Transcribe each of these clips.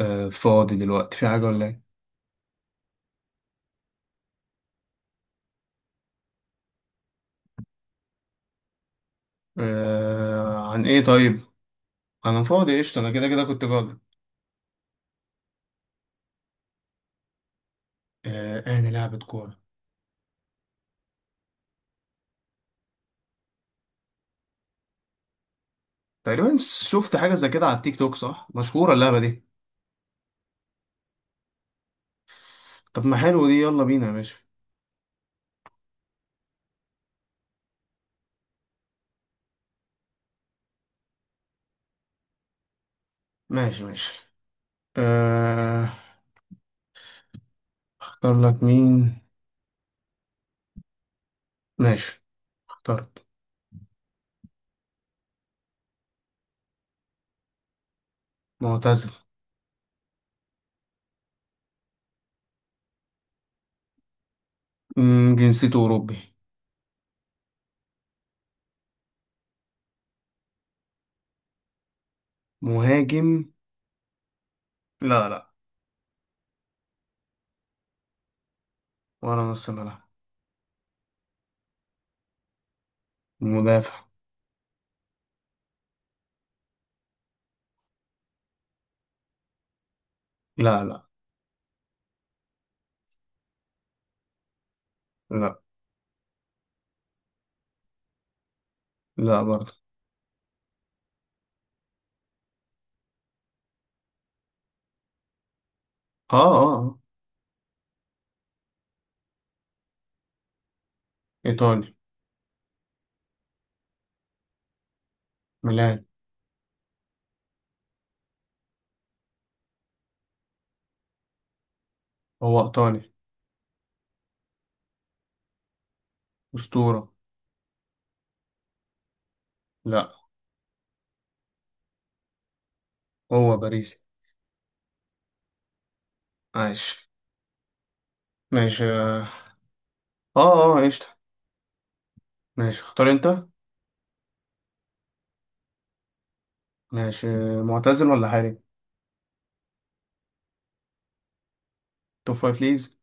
آه، فاضي دلوقتي في حاجة ولا ايه؟ آه، عن ايه طيب؟ انا فاضي قشطة. انا كده كده كنت جاضي. آه، انا لعبة كورة تقريبا. شفت حاجة زي كده على التيك توك صح؟ مشهورة اللعبة دي. طب ما حلو دي، يلا بينا يا باشا. ماشي. آه، اختار لك مين؟ ماشي، اخترت. معتزل. مم، جنسيته أوروبي. مهاجم؟ لا لا. ولا نص ملعب. مدافع؟ لا لا. لا لا برضه. اه اه آه. ايطالي. ميلان. هو ايطالي. أسطورة؟ لا، هو باريسي. عايش. ماشي اه اه آه، قشطة. ماشي، اختار انت. ماشي. معتزل ولا حالي؟ توب فايف ليجز.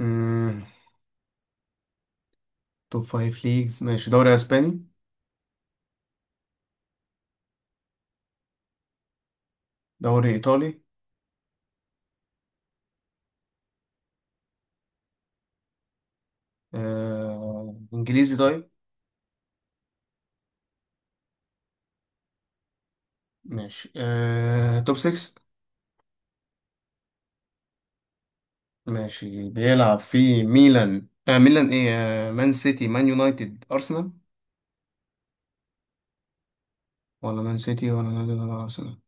مم. توب فايف ليجز. ماشي، دوري اسباني؟ دوري ايطالي؟ آه. انجليزي طيب. ماشي آه. توب 6. ماشي، بيلعب في ميلان؟ آه، ميلان ايه؟ آه. مان سيتي، مان يونايتد، ارسنال؟ ولا مان سيتي ولا يونايتد ولا ارسنال.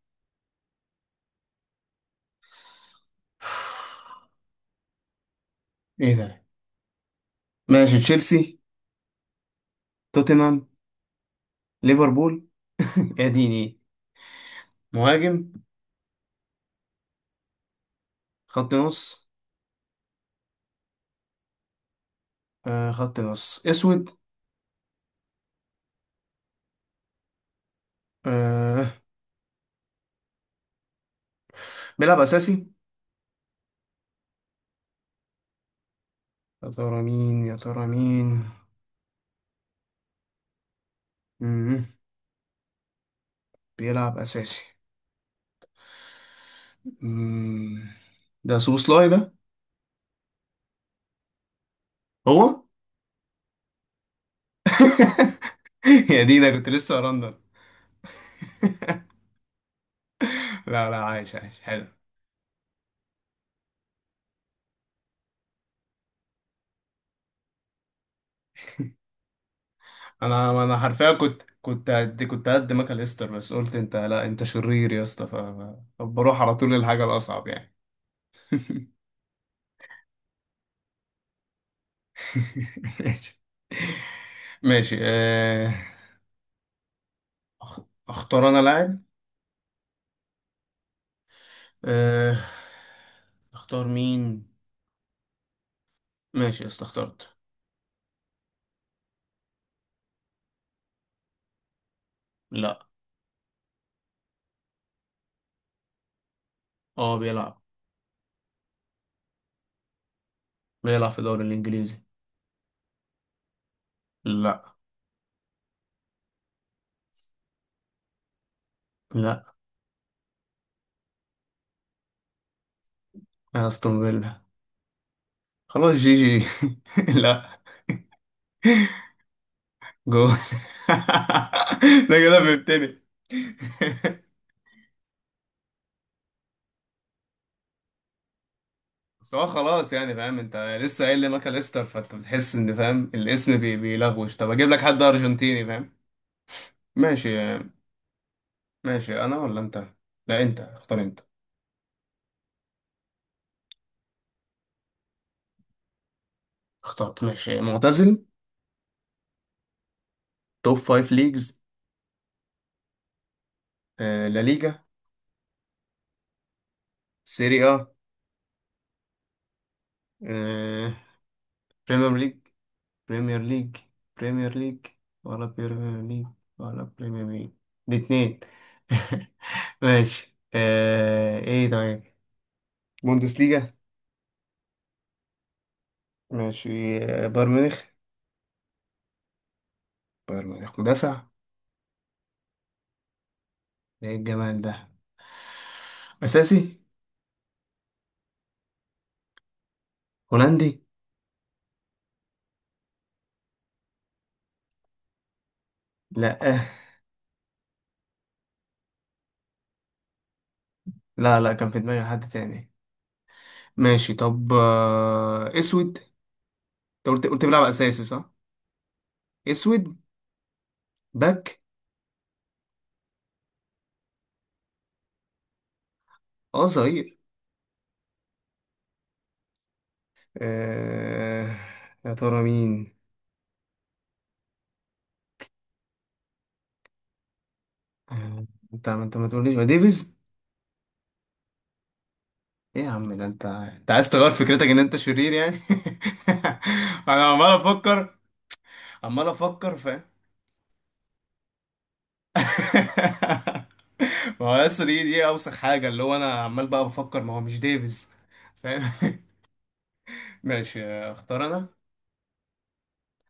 ايه ده؟ ماشي، تشيلسي؟ توتنهام؟ ليفربول. اديني. مهاجم؟ خط نص؟ آه خط نص اسود. آه. بيلعب اساسي؟ يا ترى مين، يا ترى مين. مم. بيلعب اساسي. مم. ده سوبوسلاي ده. هو. يا دي ده، كنت لسه ارندر. لا لا، عايش عايش، حلو. انا انا حرفيا كنت قد ماكل استر، بس قلت انت لا، انت شرير يا اسطى. ف- ف- فبروح على طول للحاجه الاصعب يعني. ماشي. ماشي آه. أخ- اختار انا لاعب. أه... اختار مين. ماشي يا اسطى، اخترت. لا. اه بيلعب. بيلعب في الدوري الانجليزي. لا. لا. استون فيلا. خلاص، جي جي. لا. جول. ده كده فهمتني. بس هو خلاص يعني فاهم، انت لسه قايل لي ماكاليستر، فانت بتحس ان فاهم الاسم بي بيلغوش. طب اجيب لك حد ارجنتيني فاهم. ماشي. ماشي انا ولا انت؟ لا انت، اختار انت. اخترت. ماشي. معتزل؟ توب فايف ليجز؟ آه لا ليجا. سيري اه. آه، بريمير ليج. بريمير ليج. بريمير ليج. ولا بريمير ليج. ولا بريمير ليج. الاتنين. ماشي آه. ايه طيب؟ بوندس ليجا. ماشي. آه، بايرن ميونخ. بايرن ميونخ. مدافع؟ ده ايه الجمال ده. اساسي. هولندي؟ لا. آه. لا لا، كان في دماغي حد تاني. ماشي. طب آه، اسود. انت قلت بيلعب اساسي صح؟ اسود. باك. اه صغير. آه. يا ترى مين. آه، انت ما تقوليش ما ديفيز. ايه يا عم ده، انت انت عايز تغير فكرتك ان انت شرير يعني. انا عمال افكر. عمال افكر فاهم. ما هو لسه دي اوسخ حاجه، اللي هو انا عمال بقى بفكر ما هو مش ديفيز، فاهم. ماشي آه، اختار انا.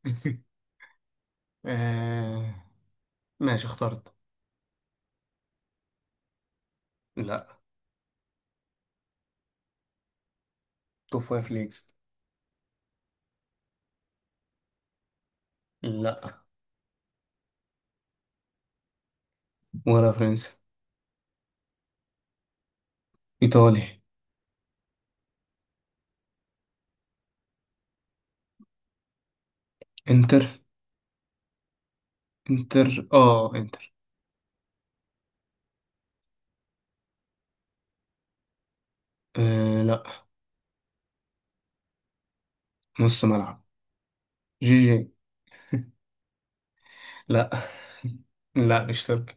آه... ماشي، اخترت. لا. توب فايف ليجز. لا. ولا فرنسا. ايطالي. انتر. انتر اه انتر. آه لا. نص ملعب. جي جي. لا. لا مش تركي.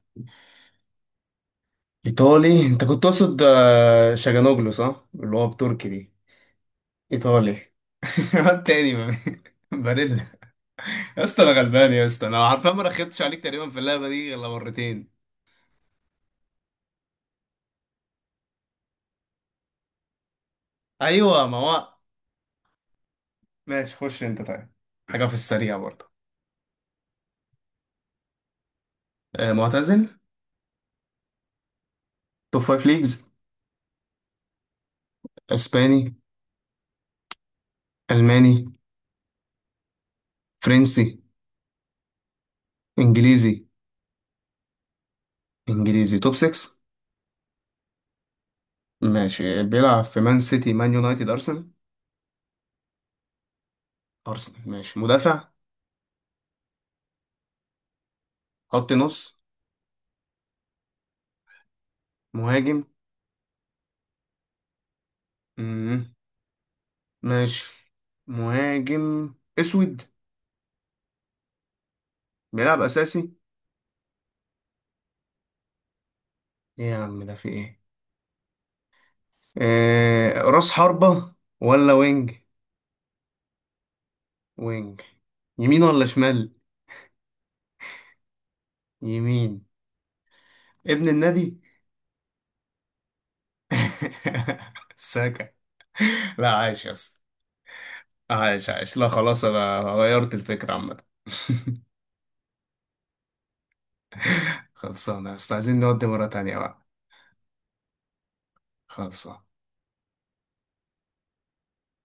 ايطالي. انت كنت تقصد آه، شاجانوجلو صح، اللي هو بتركي دي. ايطالي. الواد تاني باريلا. يا اسطى انا غلبان يا اسطى، انا عارفه ما رخيتش عليك تقريبا في اللعبه دي غير مرتين. ايوه، ما هو. ماشي، خش انت طيب. حاجه في السريع برضه. آه، معتزل؟ توب فايف ليجز. اسباني؟ الماني؟ فرنسي؟ انجليزي. انجليزي توب 6. ماشي، بيلعب في مان سيتي، مان يونايتد، أرسنال؟ أرسنال. ماشي، مدافع؟ خط نص؟ مهاجم. مم. ماشي، مهاجم أسود. بيلعب أساسي. إيه يا عم ده في إيه. آه، راس حربة ولا وينج؟ وينج. يمين ولا شمال؟ يمين. ابن النادي. ساكا. لا، عايش يا اسطى. عايش عايش. لا خلاص، أنا غيرت الفكرة عامة. خلصانة يا اسطى، عايزين نودي مرة تانية بقى. خلصانة.